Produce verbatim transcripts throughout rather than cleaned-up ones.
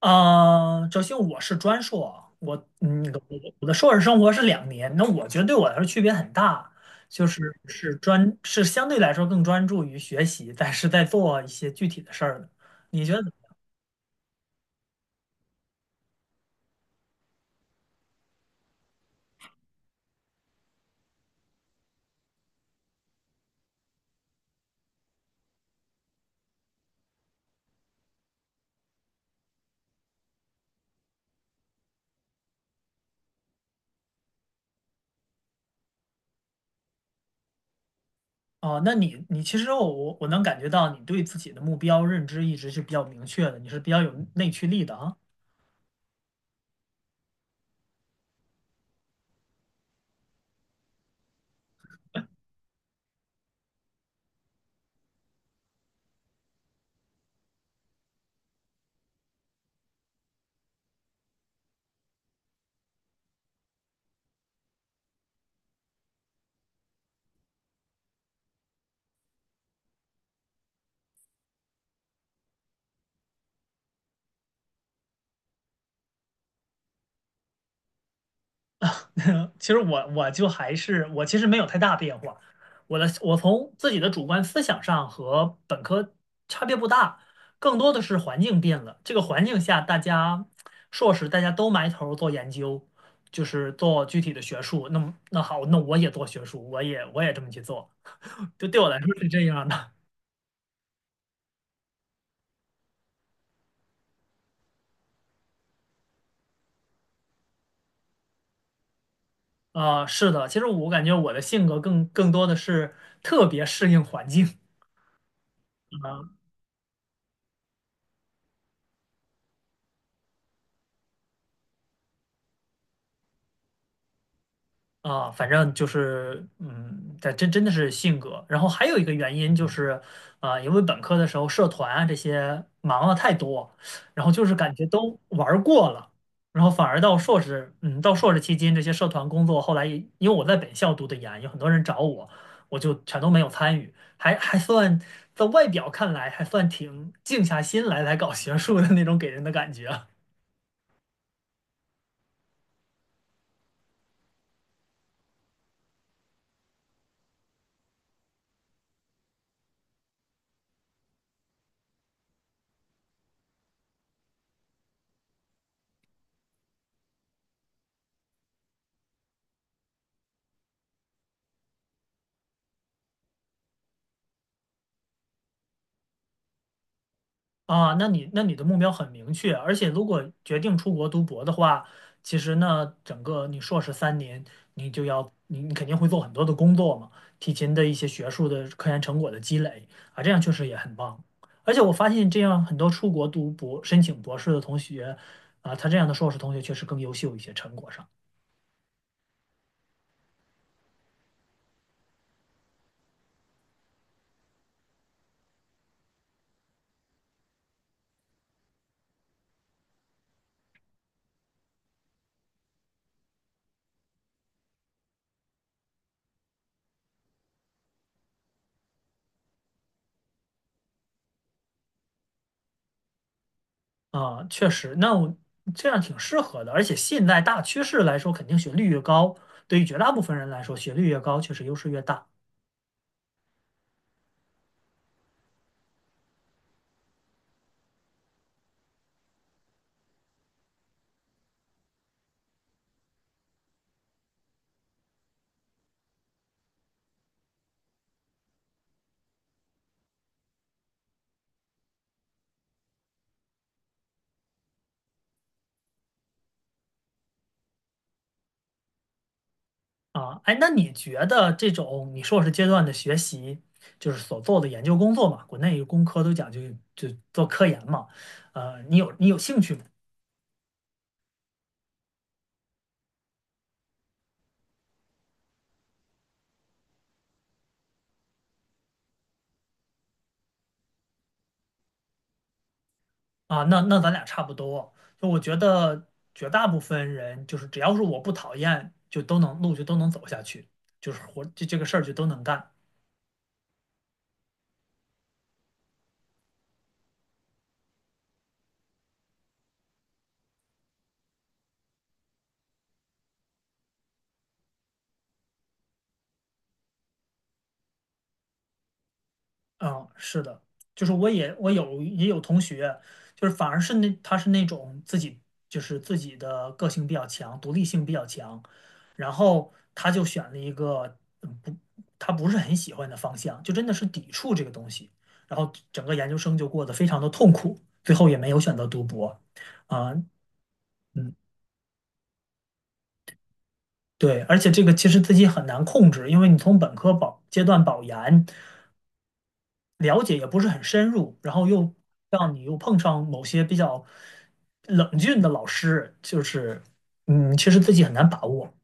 嗯呃，首先我是专硕，我嗯，我我的硕士生活是两年，那我觉得对我来说区别很大，就是是专是相对来说更专注于学习，但是在做一些具体的事儿的。你觉得怎么样哦，那你你其实我我我能感觉到你对自己的目标认知一直是比较明确的，你是比较有内驱力的啊。其实我我就还是我其实没有太大变化，我的我从自己的主观思想上和本科差别不大，更多的是环境变了。这个环境下，大家硕士大家都埋头做研究，就是做具体的学术。那么那好，那我也做学术，我也我也这么去做，就对我来说是这样的。啊、是的，其实我感觉我的性格更更多的是特别适应环境。啊啊，反正就是，嗯，这真真的是性格。然后还有一个原因就是，啊、因为本科的时候社团啊这些忙了太多，然后就是感觉都玩儿过了，然后反而到硕士，嗯，到硕士期间这些社团工作，后来也因为我在本校读的研，有很多人找我，我就全都没有参与，还还算在外表看来还算挺静下心来来搞学术的那种给人的感觉。啊，那你那你的目标很明确，而且如果决定出国读博的话，其实呢，整个你硕士三年，你就要你你肯定会做很多的工作嘛，提前的一些学术的科研成果的积累啊，这样确实也很棒。而且我发现这样很多出国读博申请博士的同学啊，他这样的硕士同学确实更优秀一些，成果上啊，确实，那我这样挺适合的，而且现在大趋势来说，肯定学历越高，对于绝大部分人来说，学历越高确实优势越大。啊，哎，那你觉得这种你硕士阶段的学习，就是所做的研究工作嘛，国内工科都讲究就做科研嘛，呃，你有你有兴趣吗？啊，那那咱俩差不多，就我觉得绝大部分人就是只要是我不讨厌，就都能路就都能走下去，就是活这这个事儿就都能干。嗯，是的，就是我也我有也有同学，就是反而是那他是那种自己就是自己的个性比较强，独立性比较强，然后他就选了一个嗯不他不是很喜欢的方向，就真的是抵触这个东西，然后整个研究生就过得非常的痛苦，最后也没有选择读博啊，嗯，对，而且这个其实自己很难控制，因为你从本科保阶段保研。了解也不是很深入，然后又让你又碰上某些比较冷峻的老师，就是嗯，其实自己很难把握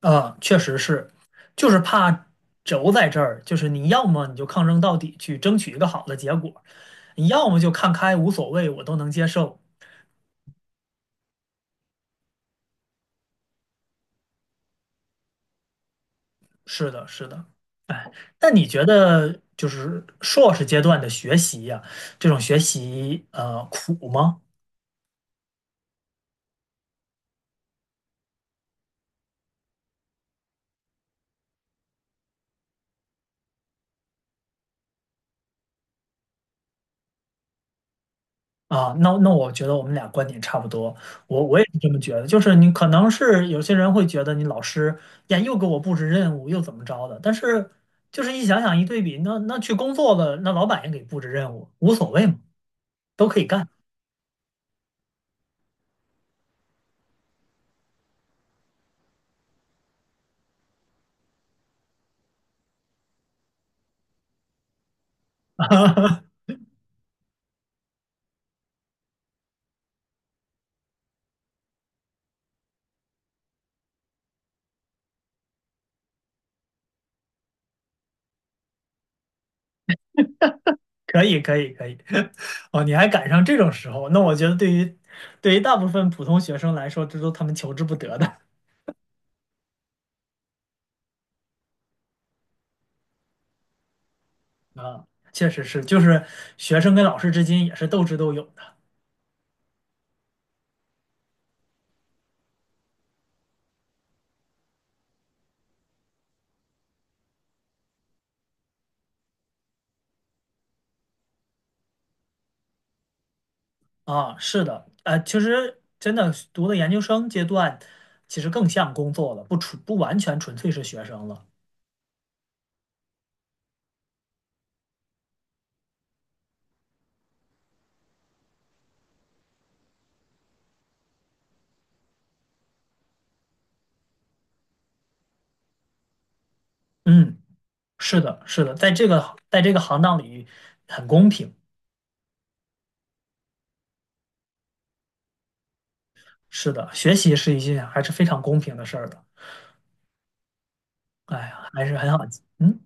啊，确实是，就是怕轴在这儿，就是你要么你就抗争到底去争取一个好的结果，你要么就看开无所谓，我都能接受。是的，是的，哎，那你觉得就是硕士阶段的学习呀、这种学习呃苦吗？啊，那那我觉得我们俩观点差不多，我我也是这么觉得。就是你可能是有些人会觉得你老师呀又给我布置任务又怎么着的，但是就是一想想一对比，那那去工作的那老板也给布置任务，无所谓嘛，都可以干。可以可以可以，哦，你还赶上这种时候，那我觉得对于对于大部分普通学生来说，这都他们求之不得的 啊，确实是，就是学生跟老师之间也是斗智斗勇的。啊，是的，呃，其实真的读的研究生阶段，其实更像工作了，不纯不完全纯粹是学生了。嗯，是的，是的，在这个在这个行当里很公平。是的，学习是一件还是非常公平的事儿的。哎呀，还是很好。嗯，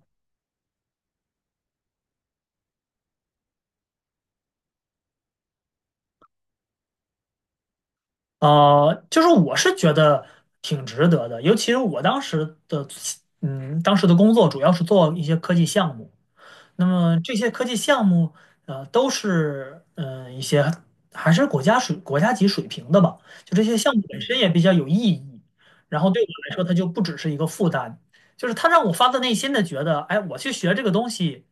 呃，就是我是觉得挺值得的，尤其是我当时的，嗯，当时的工作主要是做一些科技项目。那么这些科技项目，呃，都是嗯、呃一些还是国家水国家级水平的吧。就这些项目本身也比较有意义，然后对我来说，它就不只是一个负担，就是它让我发自内心的觉得，哎，我去学这个东西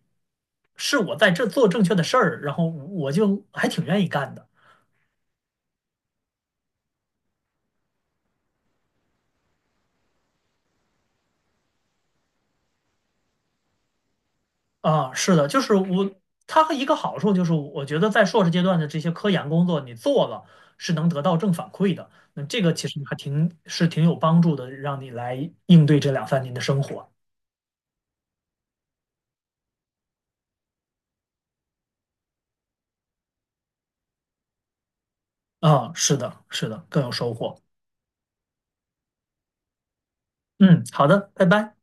是我在这做正确的事儿，然后我就还挺愿意干的。啊，是的，就是我，它和一个好处就是，我觉得在硕士阶段的这些科研工作，你做了是能得到正反馈的，那这个其实还挺是挺有帮助的，让你来应对这两三年的生活。啊，是的，是的，更有收获。嗯，好的，拜拜。